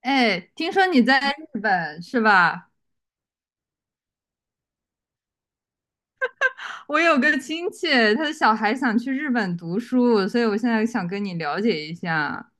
哎，听说你在日本是吧？我有个亲戚，他的小孩想去日本读书，所以我现在想跟你了解一下。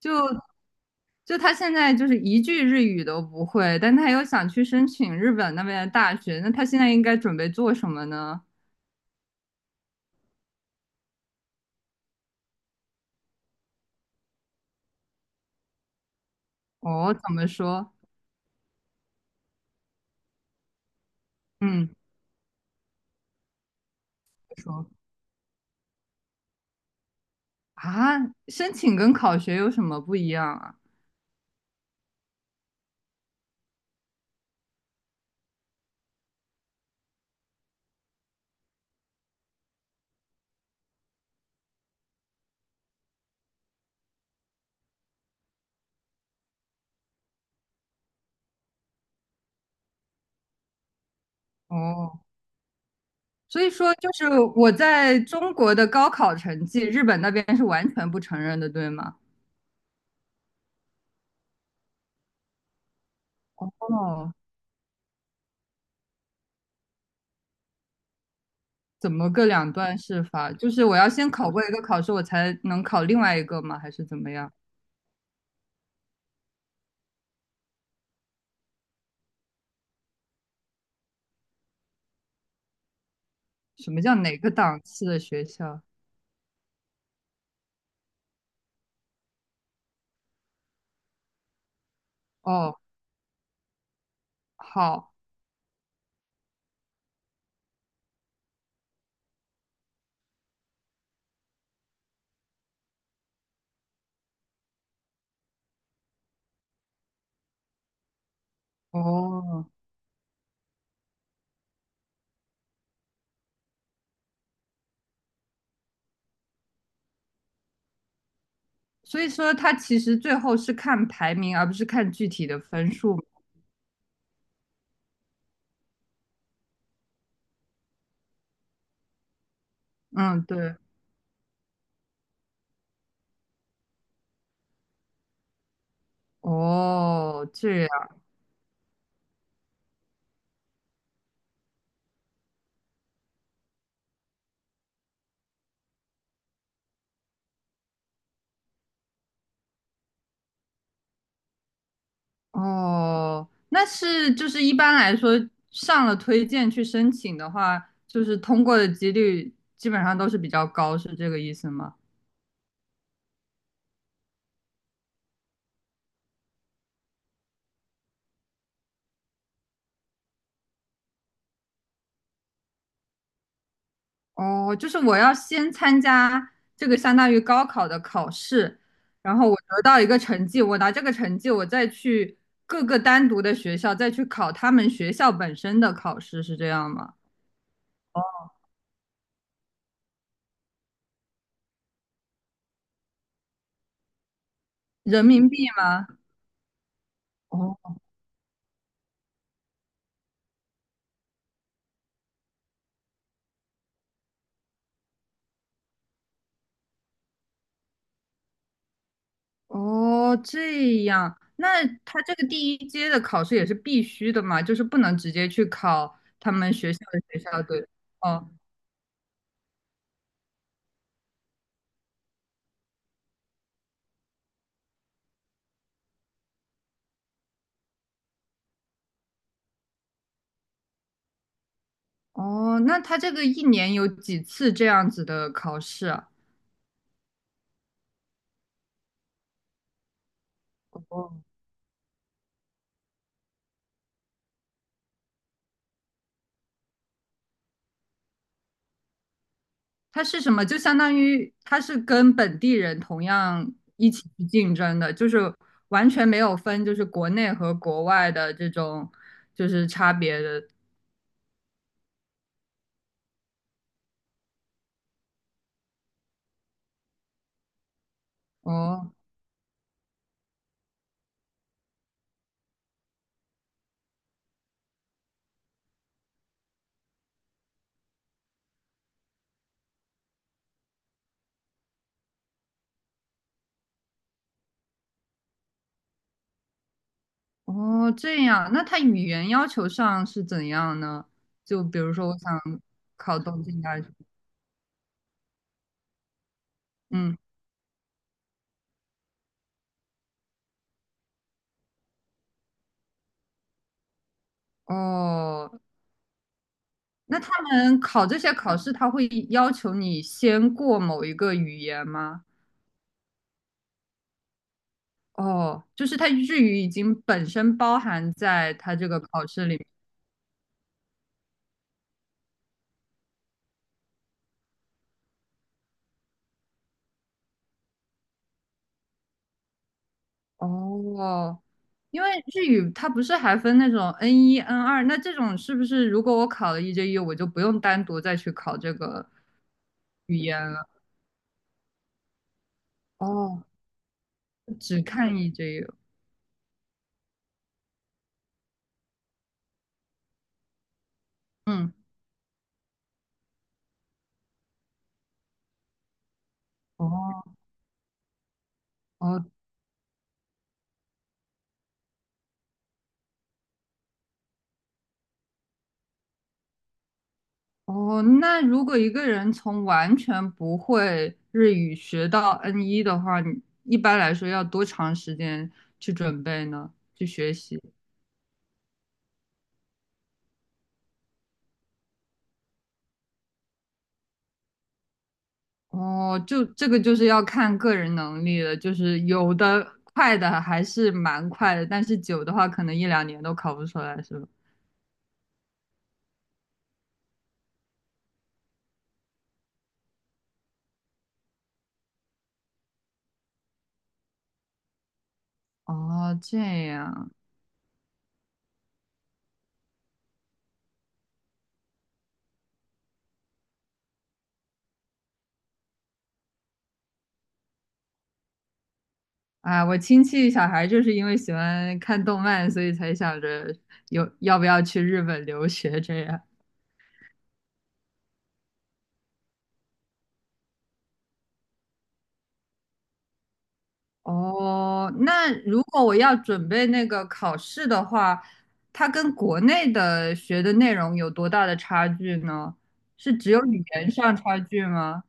就就他现在就是一句日语都不会，但他又想去申请日本那边的大学，那他现在应该准备做什么呢？哦，怎么说？嗯，说啊，申请跟考学有什么不一样啊？哦，所以说就是我在中国的高考成绩，日本那边是完全不承认的，对吗？哦，怎么个两段式法？就是我要先考过一个考试，我才能考另外一个吗？还是怎么样？什么叫哪个档次的学校？哦，好，哦，所以说它其实最后是看排名，而不是看具体的分数。嗯，对，哦，这样，哦，那是就是一般来说上了推荐去申请的话，就是通过的几率基本上都是比较高，是这个意思吗？哦，就是我要先参加这个相当于高考的考试，然后我得到一个成绩，我拿这个成绩，我再去各个单独的学校再去考他们学校本身的考试，是这样吗？哦，人民币吗？哦哦，这样，那他这个第一阶的考试也是必须的嘛，就是不能直接去考他们学校的学校对。哦哦，那他这个一年有几次这样子的考试啊？它是什么？就相当于它是跟本地人同样一起去竞争的，就是完全没有分，就是国内和国外的这种就是差别的。哦哦，这样，那它语言要求上是怎样呢？就比如说，我想考东京大学，嗯，哦，那他们考这些考试，他会要求你先过某一个语言吗？哦，就是它日语已经本身包含在它这个考试里。哦，因为日语它不是还分那种 N 一、N2，那这种是不是如果我考了 e j u 我就不用单独再去考这个语言了？哦，只看 e j u 嗯，哦哦哦，那如果一个人从完全不会日语学到 N 一的话，你一般来说要多长时间去准备呢？去学习？哦，就这个就是要看个人能力了，就是有的快的还是蛮快的，但是久的话可能一两年都考不出来，是吧？哦，这样，啊，我亲戚小孩就是因为喜欢看动漫，所以才想着有要不要去日本留学这样。哦，那如果我要准备那个考试的话，它跟国内的学的内容有多大的差距呢？是只有语言上差距吗？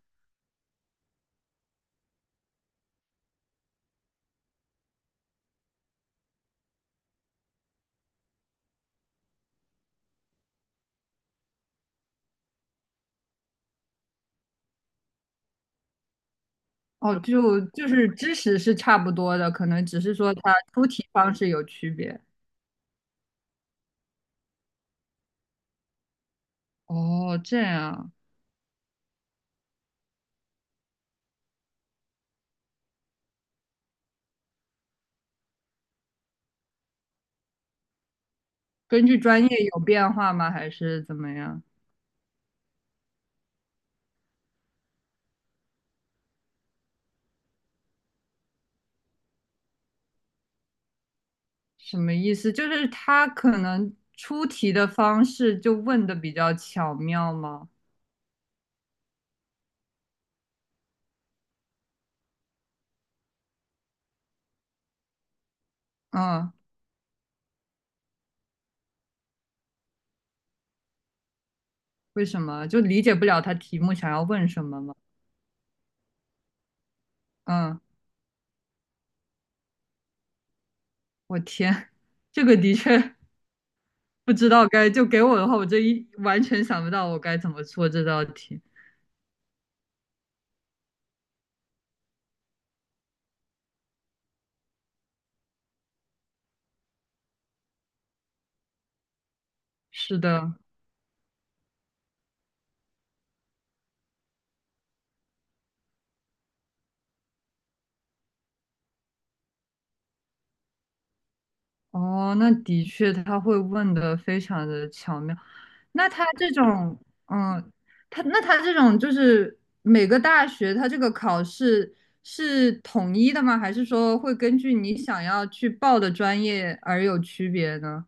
哦，就是知识是差不多的，可能只是说它出题方式有区别。哦，这样，根据专业有变化吗？还是怎么样？什么意思？就是他可能出题的方式就问的比较巧妙吗？嗯，为什么？就理解不了他题目想要问什么吗？嗯，我天，这个的确不知道该，就给我的话，我这一完全想不到我该怎么做这道题。是的，哦，那的确他会问的非常的巧妙。那他这种，嗯，他那他这种就是每个大学他这个考试是统一的吗？还是说会根据你想要去报的专业而有区别呢？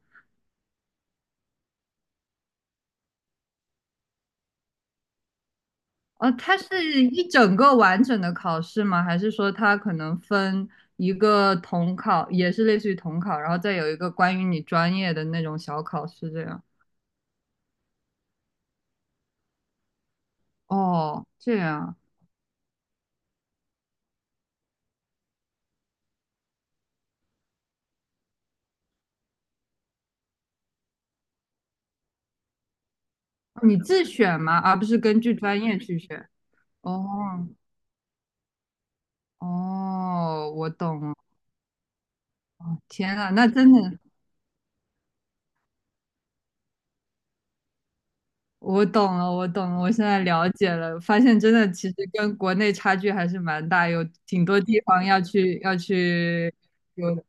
哦，它是一整个完整的考试吗？还是说它可能分一个统考，也是类似于统考，然后再有一个关于你专业的那种小考试这样？哦，这样啊哦你自选吗？而不是根据专业去选？哦哦，我懂了。哦天呐，那真的我懂了，我懂了，我现在了解了，发现真的其实跟国内差距还是蛮大，有挺多地方要去要去。有。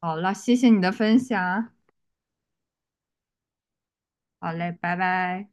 好了，谢谢你的分享。好嘞，拜拜。